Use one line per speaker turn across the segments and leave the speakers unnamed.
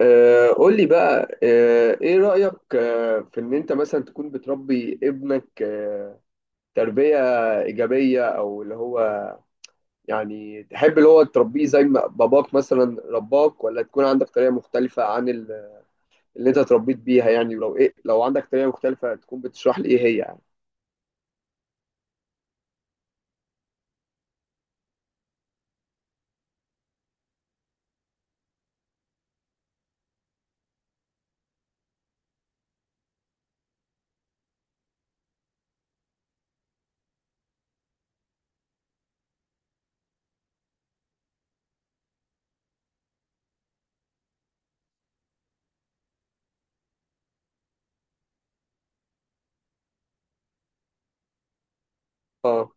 قول لي بقى ايه رأيك في ان انت مثلا تكون بتربي ابنك تربية إيجابية او اللي هو يعني تحب اللي هو تربيه زي ما باباك مثلا رباك، ولا تكون عندك طريقة مختلفة عن اللي انت اتربيت بيها يعني؟ ولو ايه، لو عندك طريقة مختلفة تكون بتشرح لي ايه هي يعني. اه،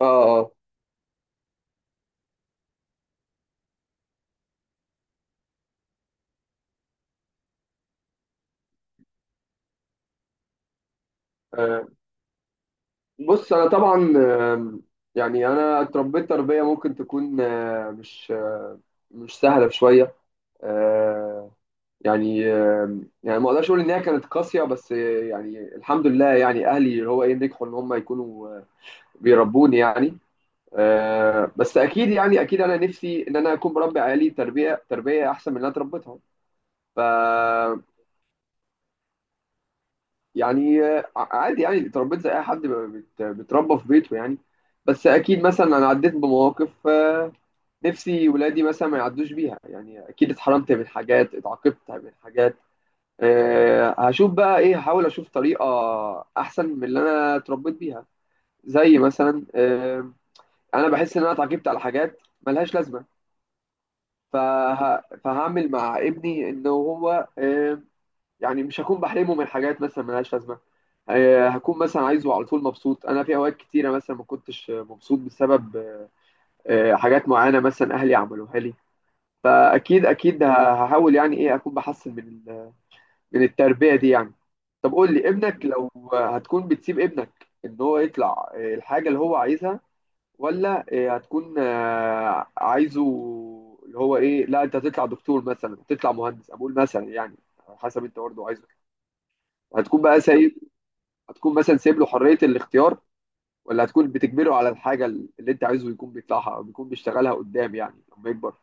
اه، اه. آه، بص انا طبعا. آم، يعني انا اتربيت تربية ممكن تكون مش سهلة شوية. يعني يعني ما اقدرش اقول ان هي كانت قاسيه، بس يعني الحمد لله، يعني اهلي اللي هو ايه نجحوا ان هم يكونوا بيربوني يعني. بس اكيد يعني اكيد انا نفسي ان انا اكون بربي عيالي تربيه احسن من اللي انا اتربيتها. ف يعني عادي، يعني اتربيت زي اي حد بيتربى في بيته يعني. بس اكيد مثلا انا عديت بمواقف نفسي ولادي مثلا ما يعدوش بيها يعني. اكيد اتحرمت من حاجات، اتعاقبت من حاجات. هشوف بقى ايه، هحاول اشوف طريقه احسن من اللي انا اتربيت بيها. زي مثلا انا بحس ان انا اتعاقبت على حاجات ملهاش لازمه. فهعمل مع ابني ان هو يعني مش هكون بحرمه من حاجات مثلا ملهاش لازمه. هكون مثلا عايزه على طول مبسوط. انا في اوقات كتيره مثلا ما كنتش مبسوط بسبب حاجات معينه مثلا اهلي عملوها لي. فاكيد اكيد هحاول يعني ايه اكون بحسن من التربية دي يعني. طب قول لي، ابنك لو هتكون بتسيب ابنك ان هو يطلع الحاجة اللي هو عايزها، ولا هتكون عايزه اللي هو ايه، لا انت هتطلع دكتور مثلا، هتطلع مهندس، اقول مثلا يعني على حسب انت برضه عايزه؟ هتكون بقى سايب هتكون مثلا سايب له حرية الاختيار، ولا هتكون بتجبره على الحاجة اللي انت عايزه يكون بيطلعها او بيكون بيشتغلها قدام يعني لما يكبر؟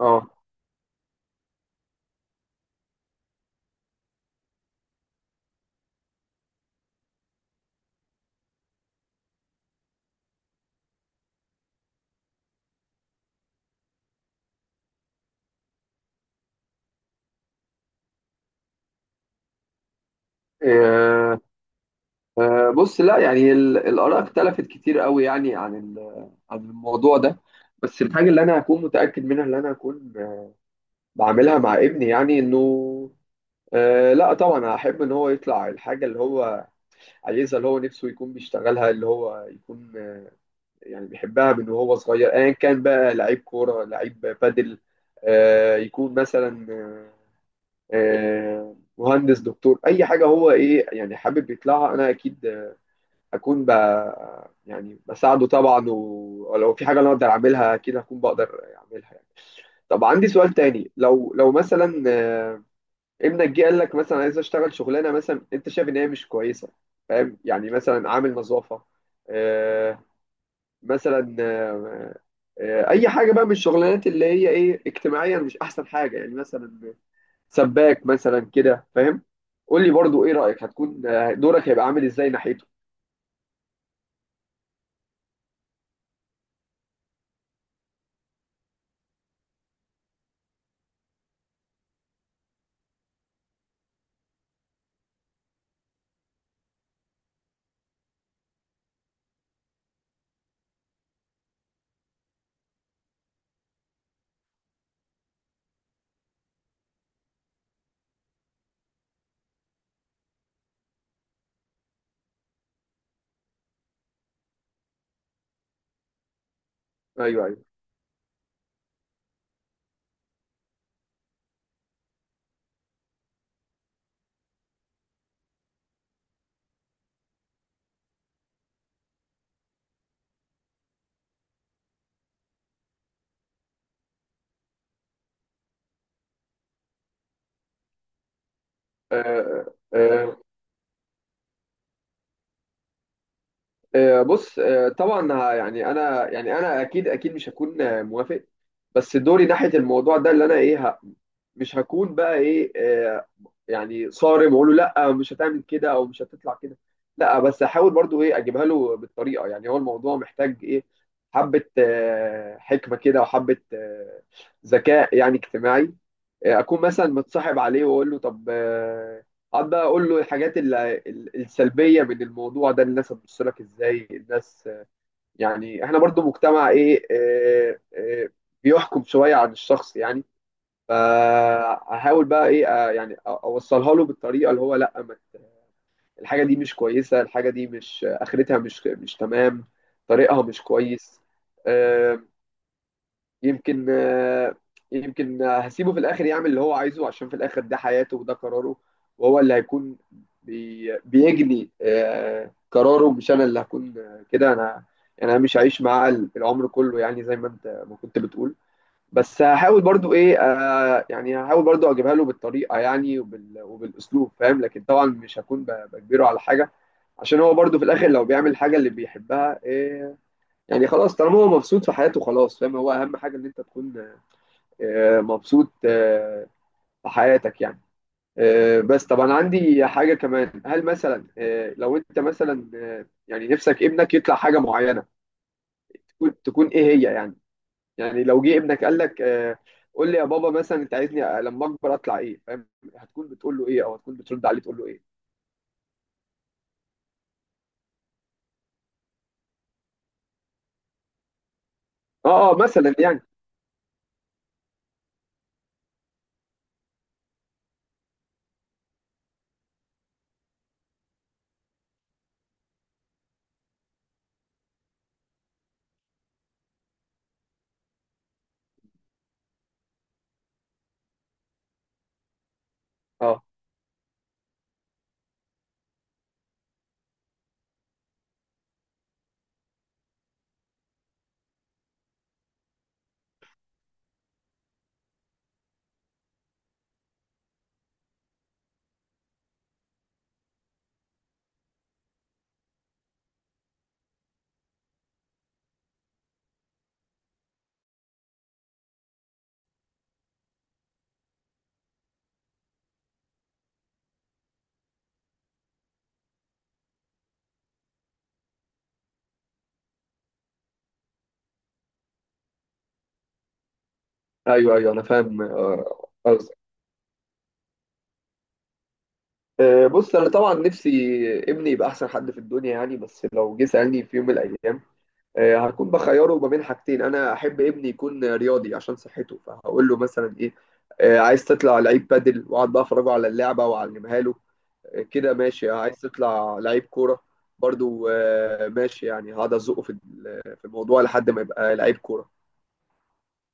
اه. آه، بص لا، يعني الآراء اختلفت كتير قوي يعني عن عن الموضوع ده. بس الحاجة اللي أنا هكون متأكد منها، اللي أنا هكون بعملها مع ابني يعني، إنه لا طبعا أحب إن هو يطلع الحاجة اللي هو عايزها، اللي هو نفسه يكون بيشتغلها، اللي هو يكون يعني بيحبها من وهو صغير، أيا كان بقى لعيب كورة، لعيب بادل، يكون مثلا مهندس، دكتور، أي حاجة هو إيه يعني حابب يطلعها. أنا أكيد اكون ب... يعني بساعده طبعا، ولو في حاجه انا اقدر اعملها اكيد هكون بقدر اعملها يعني. طب عندي سؤال تاني، لو مثلا ابنك جه قال لك مثلا عايز اشتغل شغلانه مثلا انت شايف ان هي مش كويسه، فاهم؟ يعني مثلا عامل نظافه، آه، مثلا اي حاجه بقى من الشغلانات اللي هي ايه اجتماعيا مش احسن حاجه يعني، مثلا سباك مثلا كده، فاهم؟ قول لي برضو ايه رايك، هتكون دورك هيبقى عامل ازاي ناحيته؟ ايوه، ايوه. آه، آه، بص طبعا يعني انا يعني انا اكيد اكيد مش هكون موافق. بس دوري ناحيه الموضوع ده اللي انا ايه مش هكون بقى ايه يعني صارم واقول له لا مش هتعمل كده او مش هتطلع كده. لا، بس احاول برضو ايه اجيبها له بالطريقه. يعني هو الموضوع محتاج ايه، حبه حكمه كده، وحبه ذكاء يعني اجتماعي. اكون مثلا متصاحب عليه واقول له طب اقعد بقى اقول له الحاجات السلبيه من الموضوع ده. الناس هتبص لك ازاي، الناس يعني احنا برضو مجتمع ايه بيحكم شويه عن الشخص يعني. فهحاول بقى ايه يعني اوصلها له بالطريقه اللي هو لا ما ت- الحاجه دي مش كويسه، الحاجه دي مش اخرتها مش تمام. طريقها مش كويس. آه، يمكن يمكن هسيبه في الاخر يعمل اللي هو عايزه، عشان في الاخر ده حياته وده قراره. وهو اللي هيكون بيجني قراره، مش انا اللي هكون كده. انا يعني انا مش هعيش معاه العمر كله يعني، زي ما انت ما كنت بتقول. بس هحاول برضو ايه يعني هحاول برضو اجيبها له بالطريقه يعني وبالاسلوب، فاهم؟ لكن طبعا مش هكون بجبره على حاجه. عشان هو برضو في الاخر لو بيعمل حاجه اللي بيحبها إيه، يعني خلاص طالما هو مبسوط في حياته خلاص، فاهم؟ هو اهم حاجه ان انت تكون مبسوط في حياتك يعني. بس طب انا عندي حاجه كمان. هل مثلا لو انت مثلا يعني نفسك ابنك يطلع حاجه معينه، تكون ايه هي يعني؟ يعني لو جه ابنك قال لك قول لي يا بابا، مثلا انت عايزني لما اكبر اطلع ايه، فاهم؟ هتكون بتقول له ايه، او هتكون بترد عليه تقول له ايه؟ اه، اه، مثلا يعني. اه، ايوه، ايوه، انا فاهم قصدك. بص انا طبعا نفسي ابني يبقى احسن حد في الدنيا يعني. بس لو جه سالني في يوم من الايام هكون بخيره ما بين حاجتين. انا احب ابني يكون رياضي عشان صحته، فهقول له مثلا ايه؟ عايز تطلع لعيب بادل؟ واقعد بقى افرجه على اللعبه واعلمها له. كده ماشي. عايز تطلع لعيب كوره؟ برضو ماشي، يعني هقعد ازقه في الموضوع لحد ما يبقى لعيب كوره.